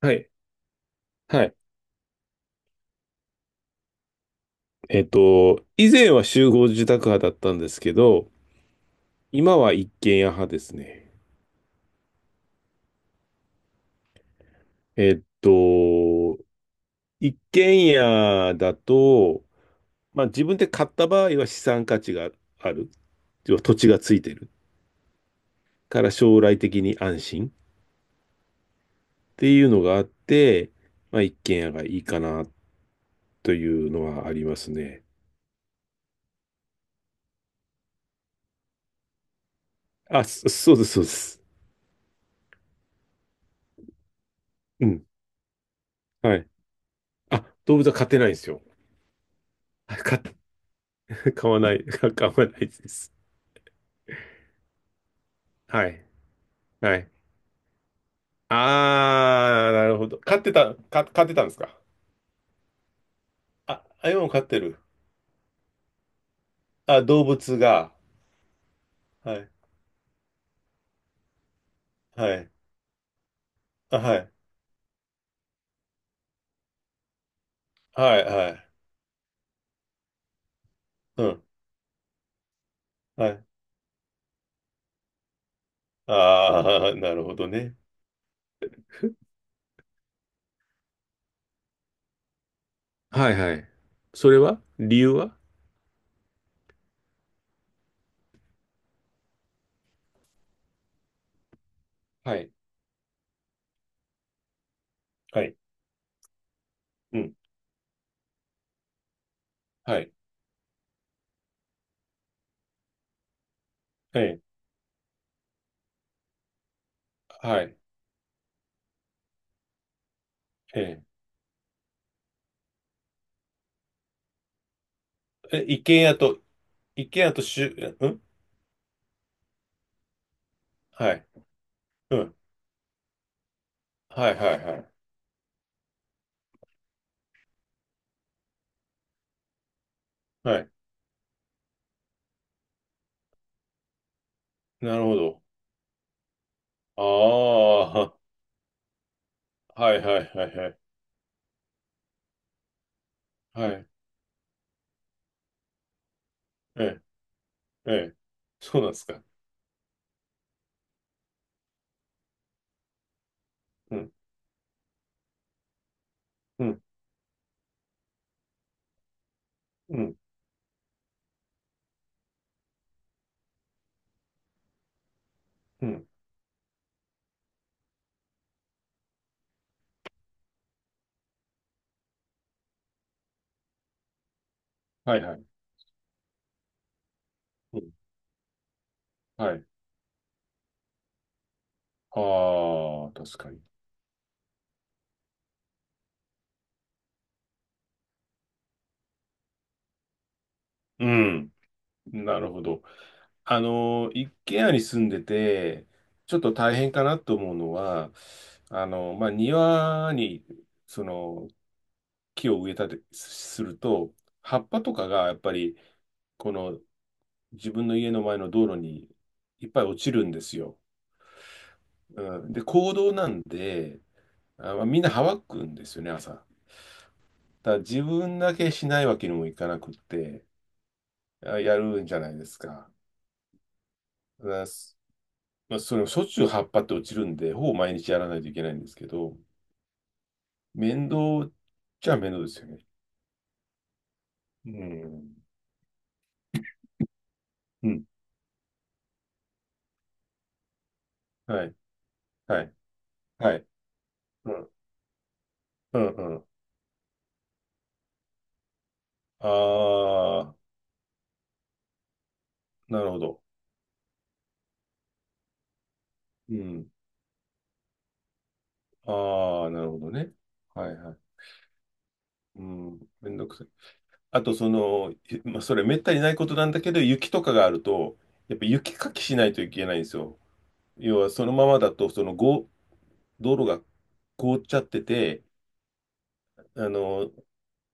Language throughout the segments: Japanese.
はい。はい。以前は集合住宅派だったんですけど、今は一軒家派ですね。えっと、一軒家だと、まあ自分で買った場合は資産価値がある。要は土地がついてるから将来的に安心っていうのがあって、まあ一軒家がいいかなというのはありますね。あ、そうです、そうです。うん。はい。あ、動物は飼ってないんですよ。飼っ買わない、買わないです。はい。はい。あー、なるほど。飼ってたんですか？あ、あ、今も飼ってる。あ、動物が。はい。はい。あ、はい。はい、はい。うん。はい。あー、なるほどね。はいはい。それは理由は？はい。はい。うん。はい。はいはい。ええ。え、一軒家と、一軒家としゅ、うん、はい。うん。はい、はい、はい。はい。なるほど。あー、はい、はい、はい、はい。はい。ええ。ええ。そうなんですか。うん、うん、うん、うん。はいはい。うん、はい。ああ、確かに。うん。なるほど。一軒家に住んでて、ちょっと大変かなと思うのは、まあ、庭に、その、木を植えたりすると、葉っぱとかがやっぱり、この自分の家の前の道路にいっぱい落ちるんですよ。うん、で、公道なんで、あ、まあみんなはわくんですよね、朝。だから自分だけしないわけにもいかなくって、あやるんじゃないですか。だからまあ、それもしょっちゅう葉っぱって落ちるんで、ほぼ毎日やらないといけないんですけど、面倒っちゃ面倒ですよね。うん。うん。はい。はい。はい。うん。うん。うん。ああ、なるほど。うん。ああ、なるほどね。はいはい。うん。めんどくさい。あと、まあ、それめったにないことなんだけど、雪とかがあると、やっぱ雪かきしないといけないんですよ。要はそのままだと、そのご道路が凍っちゃってて、あの、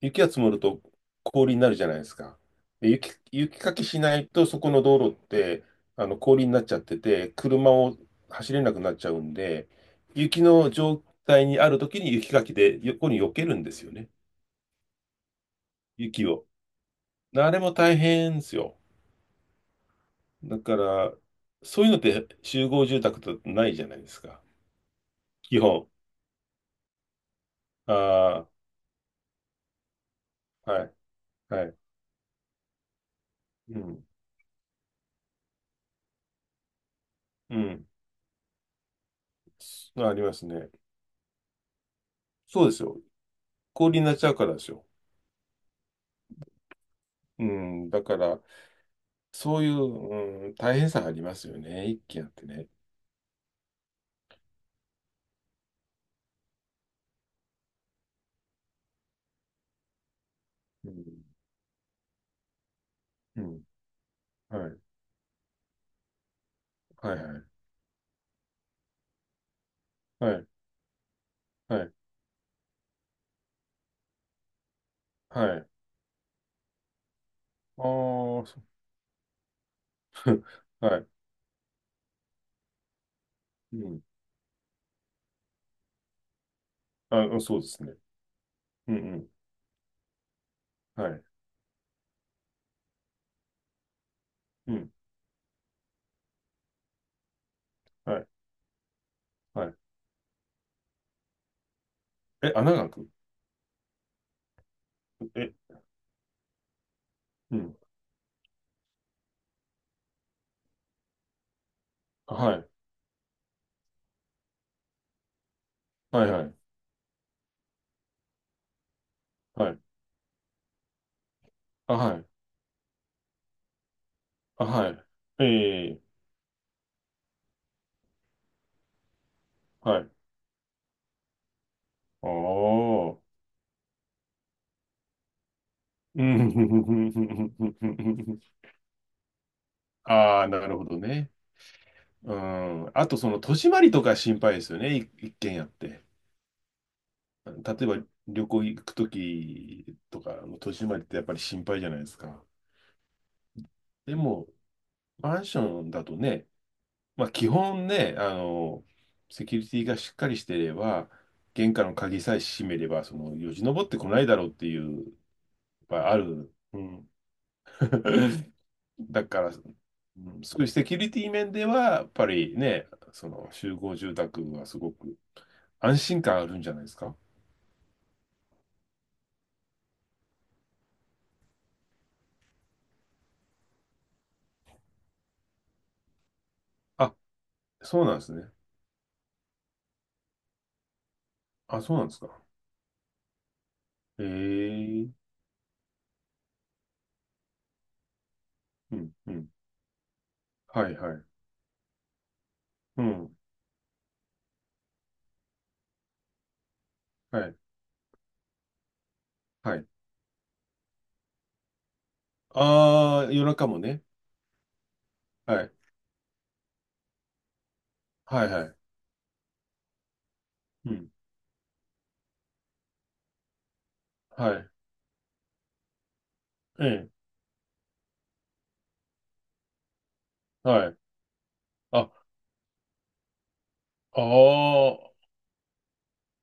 雪が積もると氷になるじゃないですか。で、雪かきしないと、そこの道路って、あの、氷になっちゃってて、車を走れなくなっちゃうんで、雪の状態にある時に雪かきで横に避けるんですよね。雪を。あれも大変ですよ。だから、そういうのって集合住宅とないじゃないですか。基本。ああ、はい、はい。うん、うん。ありますね。そうですよ。氷になっちゃうからですよ。うん、だから、そういう、うん、大変さありますよね。一軒あってね。うん、うん、はい、はい、はい、はい、はい、はい。ああ、そう。 はい、うん、あ、そうですね。うん、うん、はい、うん、はい、はい。え、穴が開く？え、うん、はい、はい、はい、はい、あ、はい、あ、はい、ええ、はい、ああ、うん、ああ、なるほどね。うん。あと、その、戸締まりとか心配ですよね。一軒家って。例えば、旅行行くときとか、戸締まりってやっぱり心配じゃないですか。でも、マンションだとね、まあ、基本ね、あの、セキュリティがしっかりしていれば、玄関の鍵さえ閉めれば、その、よじ登ってこないだろうっていう、やっぱある。うん。だから、うん、そういうセキュリティ面では、やっぱりね、その集合住宅はすごく安心感あるんじゃないですか。あ、そうなんですね。あ、そうなんですか。ええ、うん、うん。はい、はい。うん、はい、はい。ああ、夜中もね。はい、はい、はい。うん、はい。ええ、はい。あ、ああ、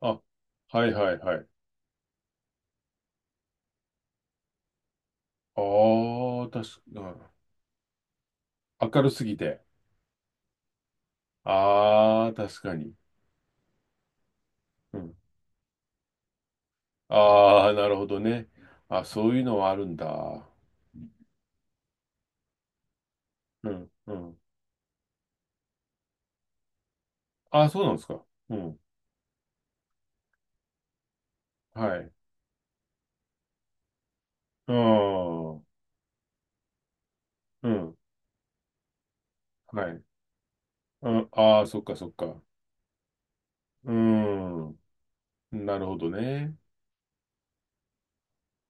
あ、はい、はい、はい。ああ、確か、あ明るすぎて。ああ、確かに。うん。ああ、なるほどね。あ、そういうのはあるんだ。うん、うん。あ、そうなんですか。うん。はい。ああ。うん。はい。うん、ああ、そっかそっか。うん。なるほどね。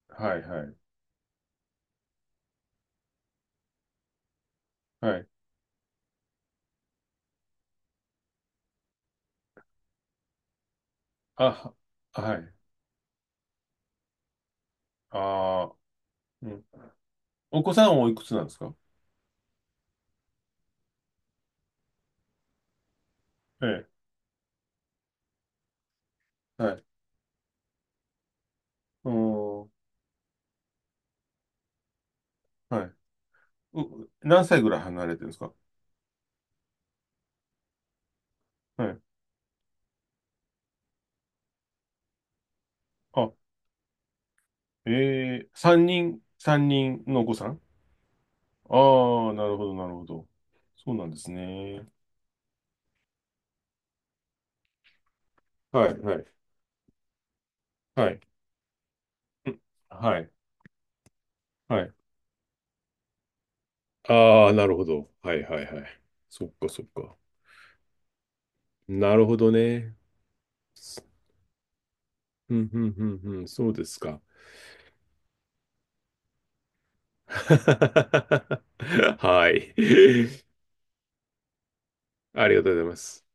はいはい。はい。あ、はい。ああ、うん。お子さんはおいくつなんですか？ええ。はい。うん。はい。何歳ぐらい離れてるんですか？はい。あ、ええ、三人のお子さん？ああ、なるほど、なるほど。そうなんですね。はい、はい、はい。うん、はい、はい。ああ、なるほど。はい、はい、はい。そっか、そっか。なるほどね。うん、うん、うん、うん、そうですか。はい。ありがとうございます。